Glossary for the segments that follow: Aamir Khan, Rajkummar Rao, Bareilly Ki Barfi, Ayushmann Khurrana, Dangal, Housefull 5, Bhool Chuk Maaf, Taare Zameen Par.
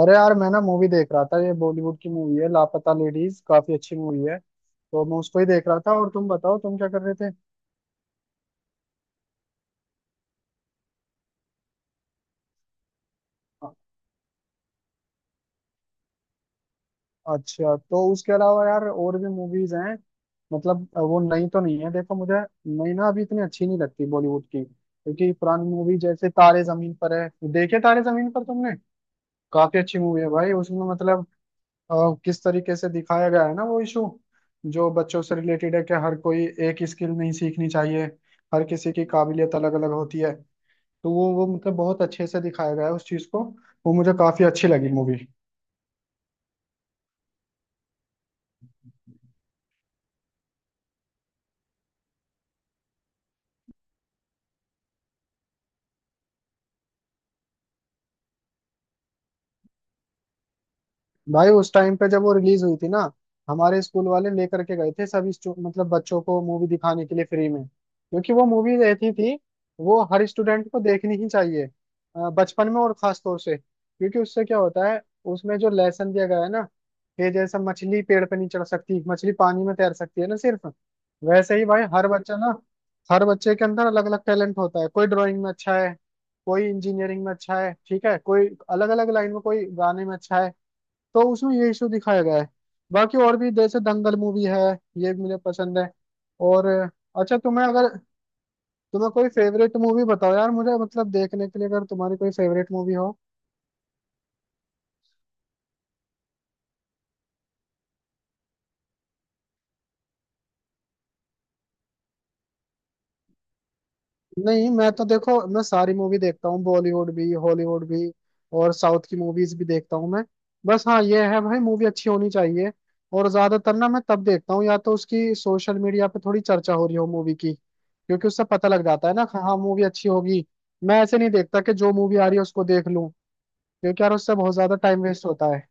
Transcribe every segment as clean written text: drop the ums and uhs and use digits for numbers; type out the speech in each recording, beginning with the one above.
अरे यार, मैं ना मूवी देख रहा था। ये बॉलीवुड की मूवी है, लापता लेडीज। काफी अच्छी मूवी है। तो मैं उसको ही देख रहा था। और तुम बताओ, तुम क्या कर रहे थे? अ- अच्छा, तो उसके अलावा यार और भी मूवीज हैं? मतलब वो नई तो नहीं है, देखो मुझे। नई ना, अभी इतनी अच्छी नहीं लगती बॉलीवुड की, क्योंकि पुरानी मूवी जैसे तारे जमीन पर है। देखे तारे जमीन पर तुमने? काफी अच्छी मूवी है भाई, उसमें मतलब अ, किस तरीके से दिखाया गया है ना वो इशू, जो बच्चों से रिलेटेड है, कि हर कोई एक स्किल नहीं सीखनी चाहिए। हर किसी की काबिलियत अलग अलग होती है। तो वो मतलब बहुत अच्छे से दिखाया गया है उस चीज को। वो मुझे काफी अच्छी लगी मूवी। भाई उस टाइम पे जब वो रिलीज हुई थी ना, हमारे स्कूल वाले लेकर के गए थे सभी मतलब बच्चों को मूवी दिखाने के लिए फ्री में, क्योंकि वो मूवी रहती थी वो हर स्टूडेंट को देखनी ही चाहिए बचपन में। और खास तौर से क्योंकि उससे क्या होता है, उसमें जो लेसन दिया गया है ना, कि जैसे मछली पेड़ पे नहीं चढ़ सकती, मछली पानी में तैर सकती है ना सिर्फ। वैसे ही भाई हर बच्चा ना, हर बच्चे के अंदर अलग अलग टैलेंट होता है। कोई ड्राइंग में अच्छा है, कोई इंजीनियरिंग में अच्छा है, ठीक है, कोई अलग अलग लाइन में, कोई गाने में अच्छा है। तो उसमें ये इशू दिखाया गया है। बाकी और भी जैसे दंगल मूवी है, ये भी मुझे पसंद है। और अच्छा तुम्हें अगर, तुम्हें कोई फेवरेट मूवी बताओ यार मुझे, मतलब देखने के लिए, अगर तुम्हारी कोई फेवरेट मूवी हो। नहीं, मैं तो देखो मैं सारी मूवी देखता हूँ, बॉलीवुड भी हॉलीवुड भी। और साउथ की मूवीज भी देखता हूँ मैं। बस हाँ ये है भाई, मूवी अच्छी होनी चाहिए। और ज्यादातर ना मैं तब देखता हूँ या तो उसकी सोशल मीडिया पे थोड़ी चर्चा हो रही हो मूवी की, क्योंकि उससे पता लग जाता है ना कि हाँ, मूवी अच्छी होगी। मैं ऐसे नहीं देखता कि जो मूवी आ रही है उसको देख लूँ, क्योंकि यार उससे बहुत ज्यादा टाइम वेस्ट होता है।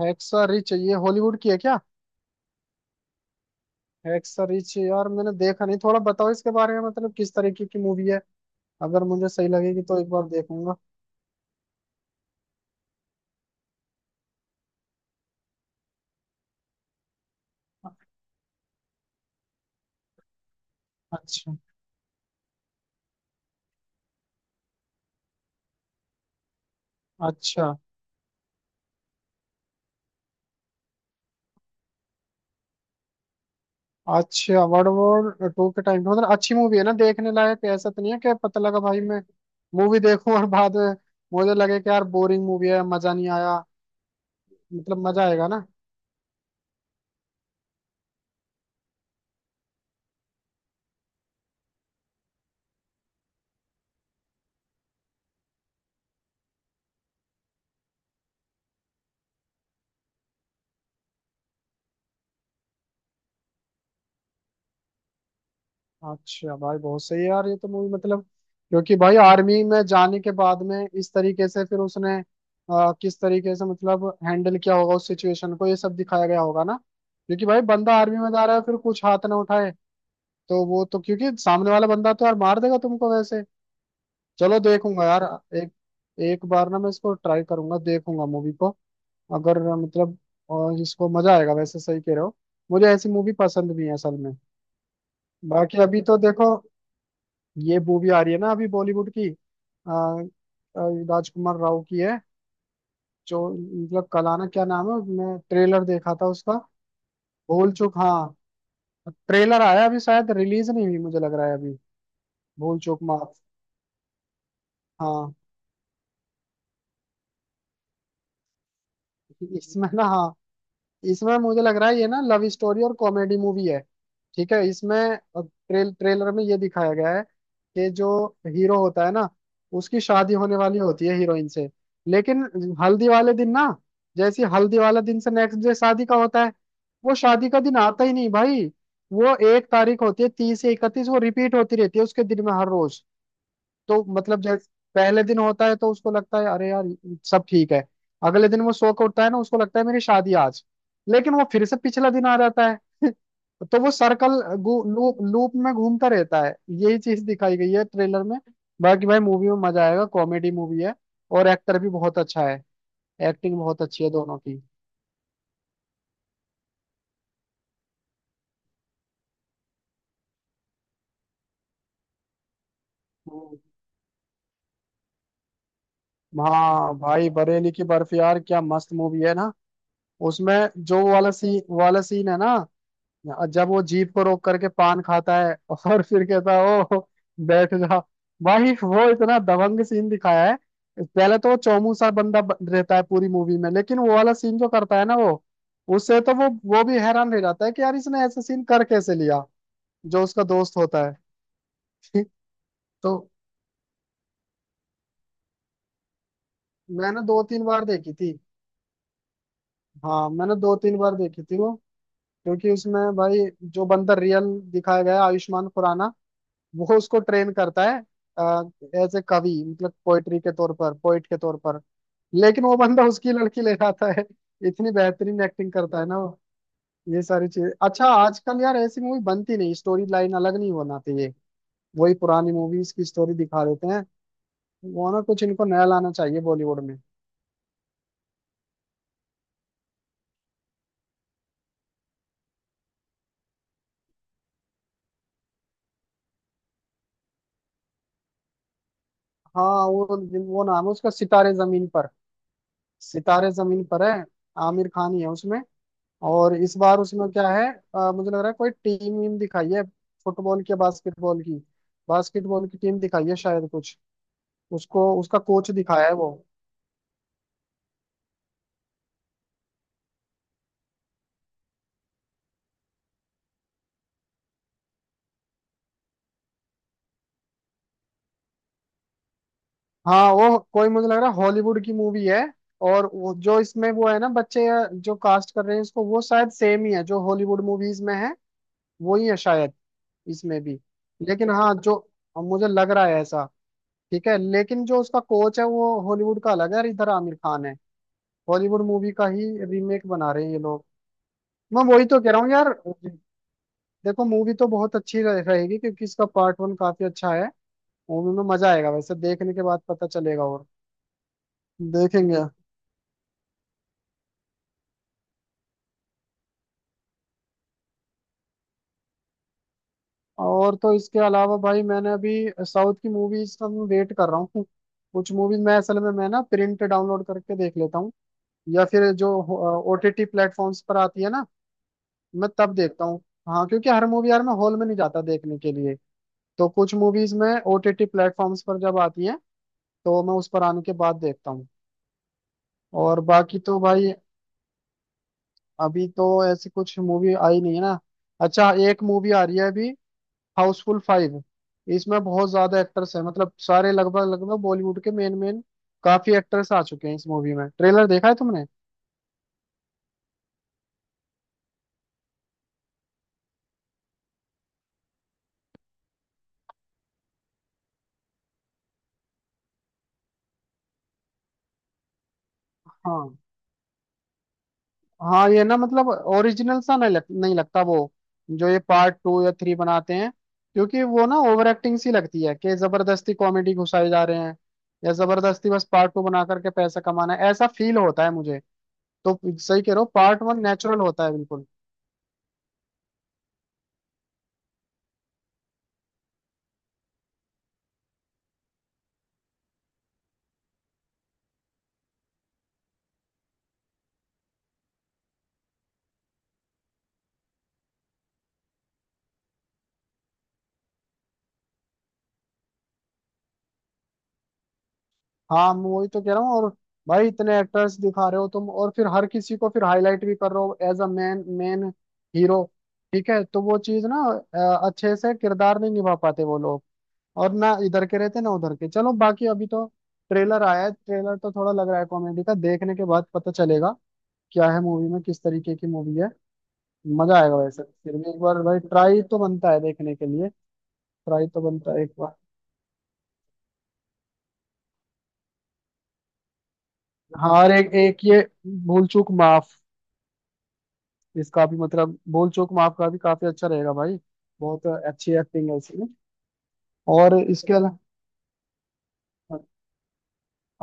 हेक्सा रिच? ये हॉलीवुड की है क्या? हेक्सा रिच यार मैंने देखा नहीं। थोड़ा बताओ इसके बारे में, मतलब किस तरीके की मूवी है? अगर मुझे सही लगेगी तो एक बार देखूंगा। अच्छा। अच्छा। अच्छा, वर्ल्ड वॉर टू के टाइम पे, मतलब अच्छी मूवी है ना देखने लायक? ऐसा तो नहीं है कि पता लगा भाई मैं मूवी देखूं और बाद में मुझे लगे कि यार बोरिंग मूवी है, मजा नहीं आया। मतलब मजा आएगा ना? अच्छा भाई बहुत सही है यार, ये तो मूवी मतलब, क्योंकि भाई आर्मी में जाने के बाद में इस तरीके से फिर उसने किस तरीके से मतलब हैंडल किया होगा उस सिचुएशन को, ये सब दिखाया गया होगा ना। क्योंकि भाई बंदा आर्मी में जा रहा है, फिर कुछ हाथ ना उठाए। तो वो तो, क्योंकि सामने वाला बंदा तो यार मार देगा तुमको वैसे। चलो देखूंगा यार। एक एक बार ना मैं इसको ट्राई करूंगा, देखूंगा मूवी को। अगर मतलब, और इसको मजा आएगा वैसे। सही कह रहे हो, मुझे ऐसी मूवी पसंद भी है असल में। बाकी अभी तो देखो, ये मूवी आ रही है ना अभी बॉलीवुड की। आ, आ, राजकुमार राव की है जो, मतलब कलाना क्या नाम है, मैं ट्रेलर देखा था उसका। भूल चूक, हाँ। ट्रेलर आया अभी, शायद रिलीज नहीं हुई, मुझे लग रहा है अभी। भूल चूक माफ, हाँ। इसमें ना, हाँ, इसमें मुझे लग रहा है ये ना लव स्टोरी और कॉमेडी मूवी है। ठीक है, इसमें ट्रेलर में ये दिखाया गया है कि जो हीरो होता है ना, उसकी शादी होने वाली होती है हीरोइन से। लेकिन हल्दी वाले दिन ना, जैसे हल्दी वाला दिन से नेक्स्ट डे शादी का होता है, वो शादी का दिन आता ही नहीं भाई। वो एक तारीख होती है 30 से 31, वो रिपीट होती रहती है उसके दिन में हर रोज। तो मतलब जैसे पहले दिन होता है तो उसको लगता है अरे यार, सब ठीक है। अगले दिन वो सो के उठता है ना, उसको लगता है मेरी शादी आज। लेकिन वो फिर से पिछला दिन आ जाता है। तो वो सर्कल लूप लूप में घूमता रहता है। यही चीज दिखाई गई है ट्रेलर में। बाकी भाई मूवी में मजा आएगा, कॉमेडी मूवी है। और एक्टर भी बहुत अच्छा है। एक्टिंग बहुत अच्छी है दोनों की। हम्म। हाँ भाई, बरेली की बर्फ यार क्या मस्त मूवी है ना। उसमें जो वाला सीन है ना। हाँ, और जब वो जीप को रोक करके पान खाता है और फिर कहता है, ओ बैठ जा। भाई वो इतना दबंग सीन दिखाया है। पहले तो वो चौमू सा बंदा रहता है पूरी मूवी में, लेकिन वो वाला सीन जो करता है ना वो, उससे तो वो भी हैरान रह जाता है कि यार इसने ऐसा सीन कर कैसे लिया, जो उसका दोस्त होता है। तो मैंने दो तीन बार देखी थी। हाँ मैंने दो तीन बार देखी थी वो, क्योंकि उसमें भाई जो बंदा रियल दिखाया गया है, आयुष्मान खुराना, वो उसको ट्रेन करता है एज ए कवि, मतलब पोएट्री के तौर पर, पोइट के तौर पर। लेकिन वो बंदा उसकी लड़की ले जाता है। इतनी बेहतरीन एक्टिंग करता है ना वो। ये सारी चीज, अच्छा आजकल यार ऐसी मूवी बनती नहीं, स्टोरी लाइन अलग नहीं होना चाहिए। वही पुरानी मूवीज की स्टोरी दिखा देते हैं। वो ना कुछ इनको नया लाना चाहिए बॉलीवुड में। हाँ वो नाम है उसका सितारे जमीन पर। सितारे जमीन पर है, आमिर खान ही है उसमें। और इस बार उसमें क्या है, मुझे लग रहा है कोई टीम वीम दिखाई है, फुटबॉल की या बास्केटबॉल की। बास्केटबॉल की टीम दिखाई है शायद कुछ। उसको उसका कोच दिखाया है वो। हाँ वो कोई, मुझे लग रहा है हॉलीवुड की मूवी है। और वो जो इसमें वो है ना बच्चे, जो कास्ट कर रहे हैं इसको, वो शायद सेम ही है जो हॉलीवुड मूवीज में है, वो ही है शायद इसमें भी। लेकिन हाँ जो, मुझे लग रहा है ऐसा। ठीक है, लेकिन जो उसका कोच है वो हॉलीवुड का अलग है, और इधर आमिर खान है। हॉलीवुड मूवी का ही रीमेक बना रहे हैं ये लोग। मैं वही तो कह रहा हूँ यार। देखो मूवी तो बहुत अच्छी रहेगी, क्योंकि इसका पार्ट वन काफी अच्छा है। मूवी में मजा आएगा वैसे, देखने के बाद पता चलेगा। और देखेंगे। और तो इसके अलावा भाई मैंने अभी, साउथ की मूवीज का मैं वेट कर रहा हूँ। कुछ मूवीज मैं असल में मैं ना प्रिंट डाउनलोड करके देख लेता हूँ, या फिर जो ओटीटी प्लेटफॉर्म्स पर आती है ना, मैं तब देखता हूँ। हाँ, क्योंकि हर मूवी यार मैं हॉल में नहीं जाता देखने के लिए। तो कुछ मूवीज में ओटीटी प्लेटफॉर्म्स पर जब आती है तो मैं उस पर आने के बाद देखता हूँ। और बाकी तो भाई अभी तो ऐसी कुछ मूवी आई नहीं है ना। अच्छा, एक मूवी आ रही है अभी, हाउसफुल फाइव। इसमें बहुत ज्यादा एक्टर्स हैं, मतलब सारे लगभग लगभग बॉलीवुड के मेन मेन, काफी एक्टर्स आ चुके हैं इस मूवी में। ट्रेलर देखा है तुमने? हाँ, हाँ ये ना मतलब ओरिजिनल सा नहीं नहीं लगता वो, जो ये पार्ट टू या थ्री बनाते हैं। क्योंकि वो ना ओवर एक्टिंग सी लगती है, कि जबरदस्ती कॉमेडी घुसाए जा रहे हैं, या जबरदस्ती बस पार्ट टू बना करके पैसा कमाना है, ऐसा फील होता है मुझे। तो सही कह रहे हो, पार्ट वन नेचुरल होता है बिल्कुल। हाँ मैं वही तो कह रहा हूँ। और भाई इतने एक्टर्स दिखा रहे हो तुम, और फिर हर किसी को फिर हाईलाइट भी कर रहे हो as a man main hero. ठीक है, तो वो चीज ना अच्छे से किरदार नहीं निभा पाते वो लोग। और ना इधर के रहते ना उधर के। चलो बाकी अभी तो ट्रेलर आया है, ट्रेलर तो थोड़ा लग रहा है कॉमेडी का, देखने के बाद पता चलेगा क्या है मूवी में, किस तरीके की मूवी है। मजा आएगा वैसे फिर भी एक बार, भाई ट्राई तो बनता है देखने के लिए। ट्राई तो बनता है एक बार। हाँ, और एक एक ये भूल चूक माफ, इसका भी मतलब भूल चूक माफ का भी काफी अच्छा रहेगा भाई। बहुत अच्छी एक्टिंग है इसमें। और इसके अलावा,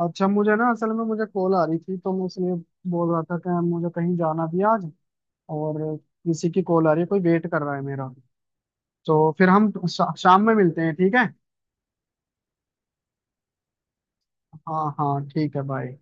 अच्छा मुझे ना असल में मुझे कॉल आ रही थी, तो मैं इसलिए बोल रहा था कि मुझे कहीं जाना भी है आज, और किसी की कॉल आ रही है, कोई वेट कर रहा है मेरा। तो फिर हम शाम में मिलते हैं, ठीक है। हाँ हाँ, ठीक है, बाय।